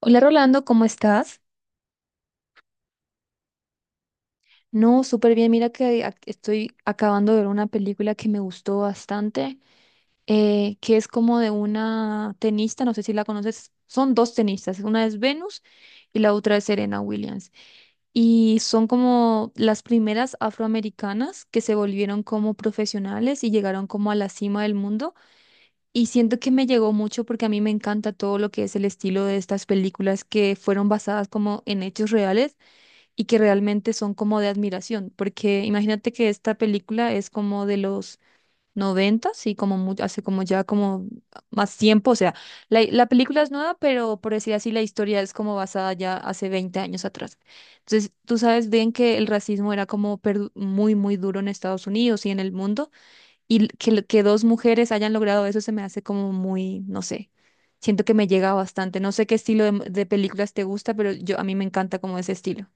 Hola Rolando, ¿cómo estás? No, súper bien. Mira que estoy acabando de ver una película que me gustó bastante, que es como de una tenista, no sé si la conoces. Son dos tenistas, una es Venus y la otra es Serena Williams. Y son como las primeras afroamericanas que se volvieron como profesionales y llegaron como a la cima del mundo. Y siento que me llegó mucho porque a mí me encanta todo lo que es el estilo de estas películas que fueron basadas como en hechos reales y que realmente son como de admiración, porque imagínate que esta película es como de los 90, y como hace como ya como más tiempo, o sea, la película es nueva, pero por decir así, la historia es como basada ya hace 20 años atrás. Entonces, tú sabes bien que el racismo era como muy, muy duro en Estados Unidos y en el mundo, y que dos mujeres hayan logrado eso se me hace como muy, no sé. Siento que me llega bastante. No sé qué estilo de películas te gusta, pero yo a mí me encanta como ese estilo.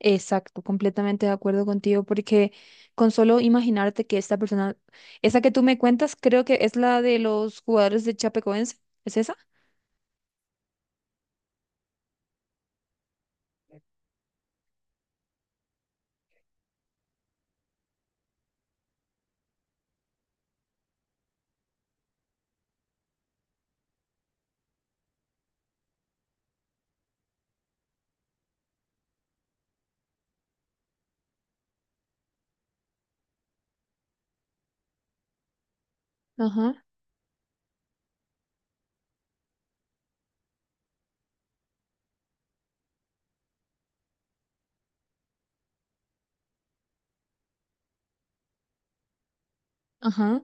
Exacto, completamente de acuerdo contigo, porque con solo imaginarte que esta persona, esa que tú me cuentas, creo que es la de los jugadores de Chapecoense, ¿es esa? Ajá, ajá.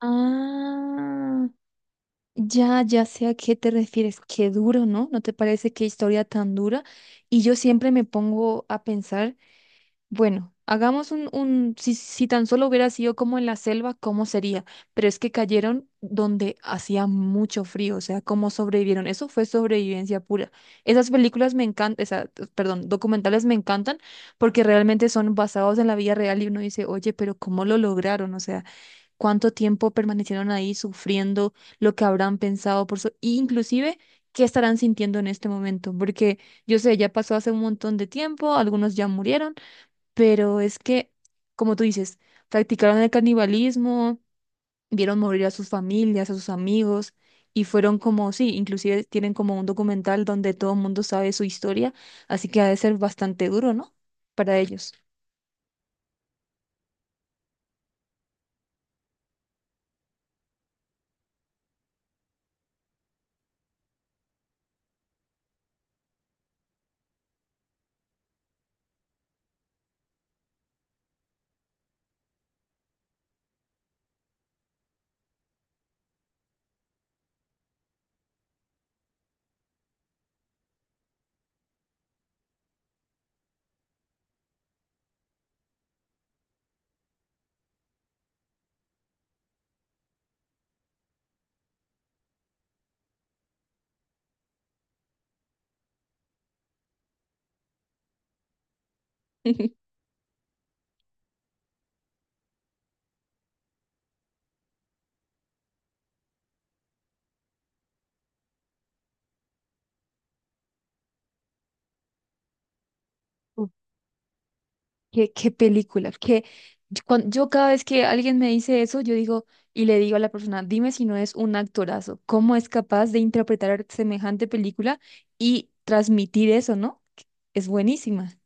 Ah, ya, ya sé a qué te refieres. Qué duro, ¿no? ¿No te parece qué historia tan dura? Y yo siempre me pongo a pensar. Bueno, hagamos un si tan solo hubiera sido como en la selva, ¿cómo sería? Pero es que cayeron donde hacía mucho frío, o sea, ¿cómo sobrevivieron? Eso fue sobrevivencia pura. Esas películas me encantan, esa, perdón, documentales me encantan porque realmente son basados en la vida real y uno dice, oye, pero ¿cómo lo lograron? O sea, ¿cuánto tiempo permanecieron ahí sufriendo lo que habrán pensado por su, inclusive, ¿qué estarán sintiendo en este momento? Porque yo sé, ya pasó hace un montón de tiempo, algunos ya murieron, pero es que, como tú dices, practicaron el canibalismo, vieron morir a sus familias, a sus amigos, y fueron como, sí, inclusive tienen como un documental donde todo el mundo sabe su historia, así que ha de ser bastante duro, ¿no? Para ellos. Uf, qué, qué película, que cuando yo cada vez que alguien me dice eso, yo digo y le digo a la persona, dime si no es un actorazo, ¿cómo es capaz de interpretar semejante película y transmitir eso, ¿no? Es buenísima.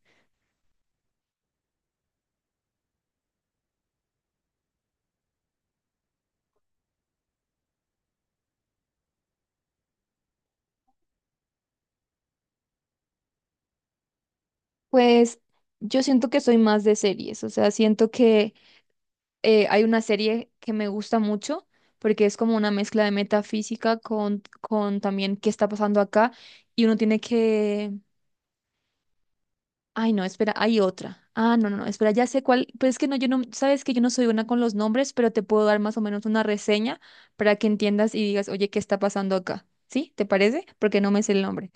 Pues yo siento que soy más de series, o sea, siento que hay una serie que me gusta mucho porque es como una mezcla de metafísica con también qué está pasando acá y uno tiene que... Ay, no, espera, hay otra. Ah, no, espera, ya sé cuál, pero es que no, yo no, sabes que yo no soy buena con los nombres, pero te puedo dar más o menos una reseña para que entiendas y digas, oye, ¿qué está pasando acá? ¿Sí? ¿Te parece? Porque no me sé el nombre.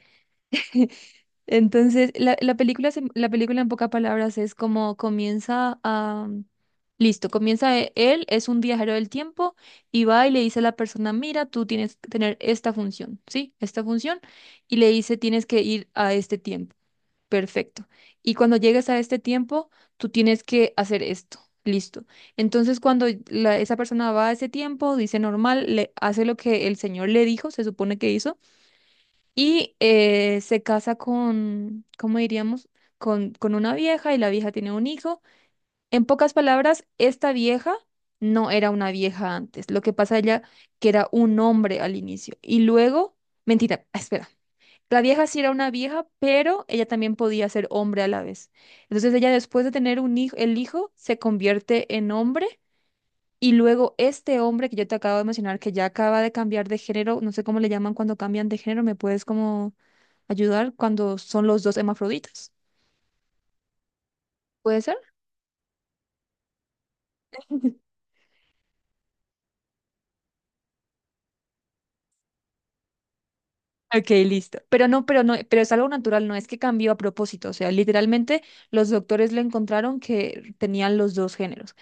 Entonces, la película en pocas palabras es como comienza a... Listo, comienza él, es un viajero del tiempo y va y le dice a la persona, mira, tú tienes que tener esta función, ¿sí? Esta función. Y le dice, tienes que ir a este tiempo. Perfecto. Y cuando llegues a este tiempo, tú tienes que hacer esto. Listo. Entonces, cuando esa persona va a ese tiempo, dice normal, le hace lo que el señor le dijo, se supone que hizo. Y se casa con, ¿cómo diríamos? Con una vieja y la vieja tiene un hijo. En pocas palabras, esta vieja no era una vieja antes. Lo que pasa ella que era un hombre al inicio. Y luego, mentira, ah, espera. La vieja sí era una vieja, pero ella también podía ser hombre a la vez. Entonces ella después de tener un hijo, el hijo se convierte en hombre y luego este hombre que yo te acabo de mencionar, que ya acaba de cambiar de género, no sé cómo le llaman cuando cambian de género, ¿me puedes como ayudar cuando son los dos hermafroditas? ¿Puede ser? Ok, listo. Pero no, pero no, pero es algo natural, no es que cambió a propósito. O sea, literalmente los doctores le encontraron que tenían los dos géneros.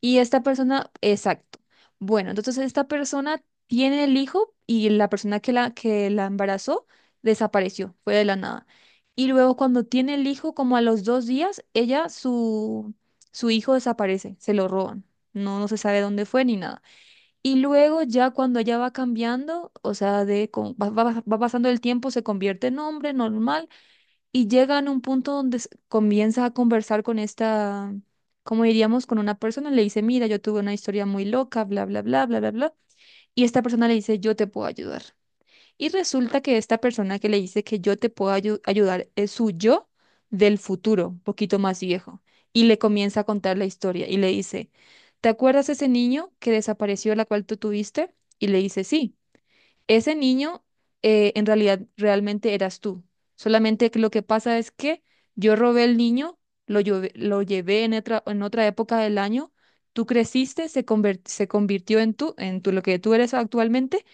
Y esta persona, exacto. Bueno, entonces esta persona tiene el hijo y la persona que la embarazó desapareció, fue de la nada. Y luego cuando tiene el hijo, como a los dos días, ella, su hijo desaparece, se lo roban. No, no se sabe dónde fue ni nada. Y luego ya cuando ella va cambiando, o sea, de, va pasando el tiempo, se convierte en hombre normal y llega a un punto donde comienza a conversar con esta, como diríamos, con una persona, le dice, mira, yo tuve una historia muy loca, bla, bla, bla, bla, bla, bla, y esta persona le dice, yo te puedo ayudar. Y resulta que esta persona que le dice que yo te puedo ayudar es su yo del futuro, un poquito más viejo, y le comienza a contar la historia y le dice, ¿te acuerdas ese niño que desapareció, la cual tú tuviste? Y le dice, sí. Ese niño en realidad realmente eras tú. Solamente que lo que pasa es que yo robé el niño, lo llevé en otra época del año, tú creciste, se convirtió en tú, lo que tú eres actualmente,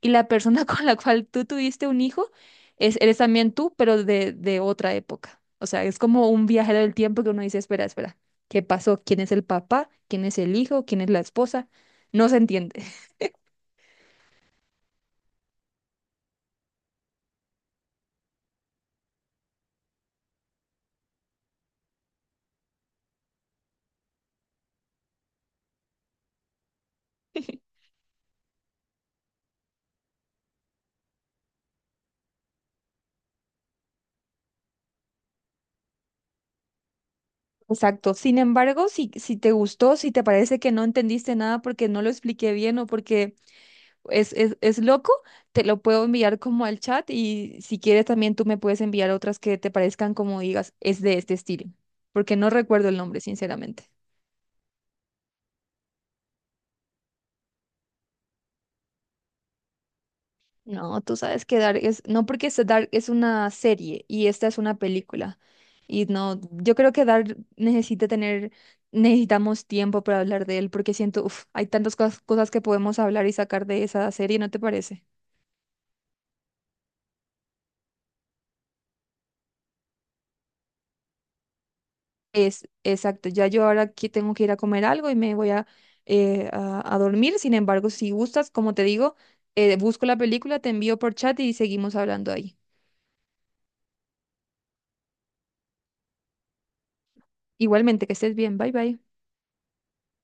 y la persona con la cual tú tuviste un hijo es, eres también tú, pero de otra época. O sea, es como un viajero del tiempo que uno dice, espera, espera, ¿qué pasó? ¿Quién es el papá? ¿Quién es el hijo? ¿Quién es la esposa? No se entiende. Exacto. Sin embargo, si te gustó, si te parece que no entendiste nada porque no lo expliqué bien o porque es loco, te lo puedo enviar como al chat y si quieres también tú me puedes enviar otras que te parezcan como digas, es de este estilo, porque no recuerdo el nombre, sinceramente. No, tú sabes que Dark es, no porque es Dark es una serie y esta es una película. Y no, yo creo que Dark necesita tener, necesitamos tiempo para hablar de él porque siento, uf, hay tantas cosas que podemos hablar y sacar de esa serie, ¿no te parece? Es, exacto, ya yo ahora que tengo que ir a comer algo y me voy a, a dormir. Sin embargo, si gustas, como te digo, busco la película, te envío por chat y seguimos hablando ahí. Igualmente, que estés bien, bye bye.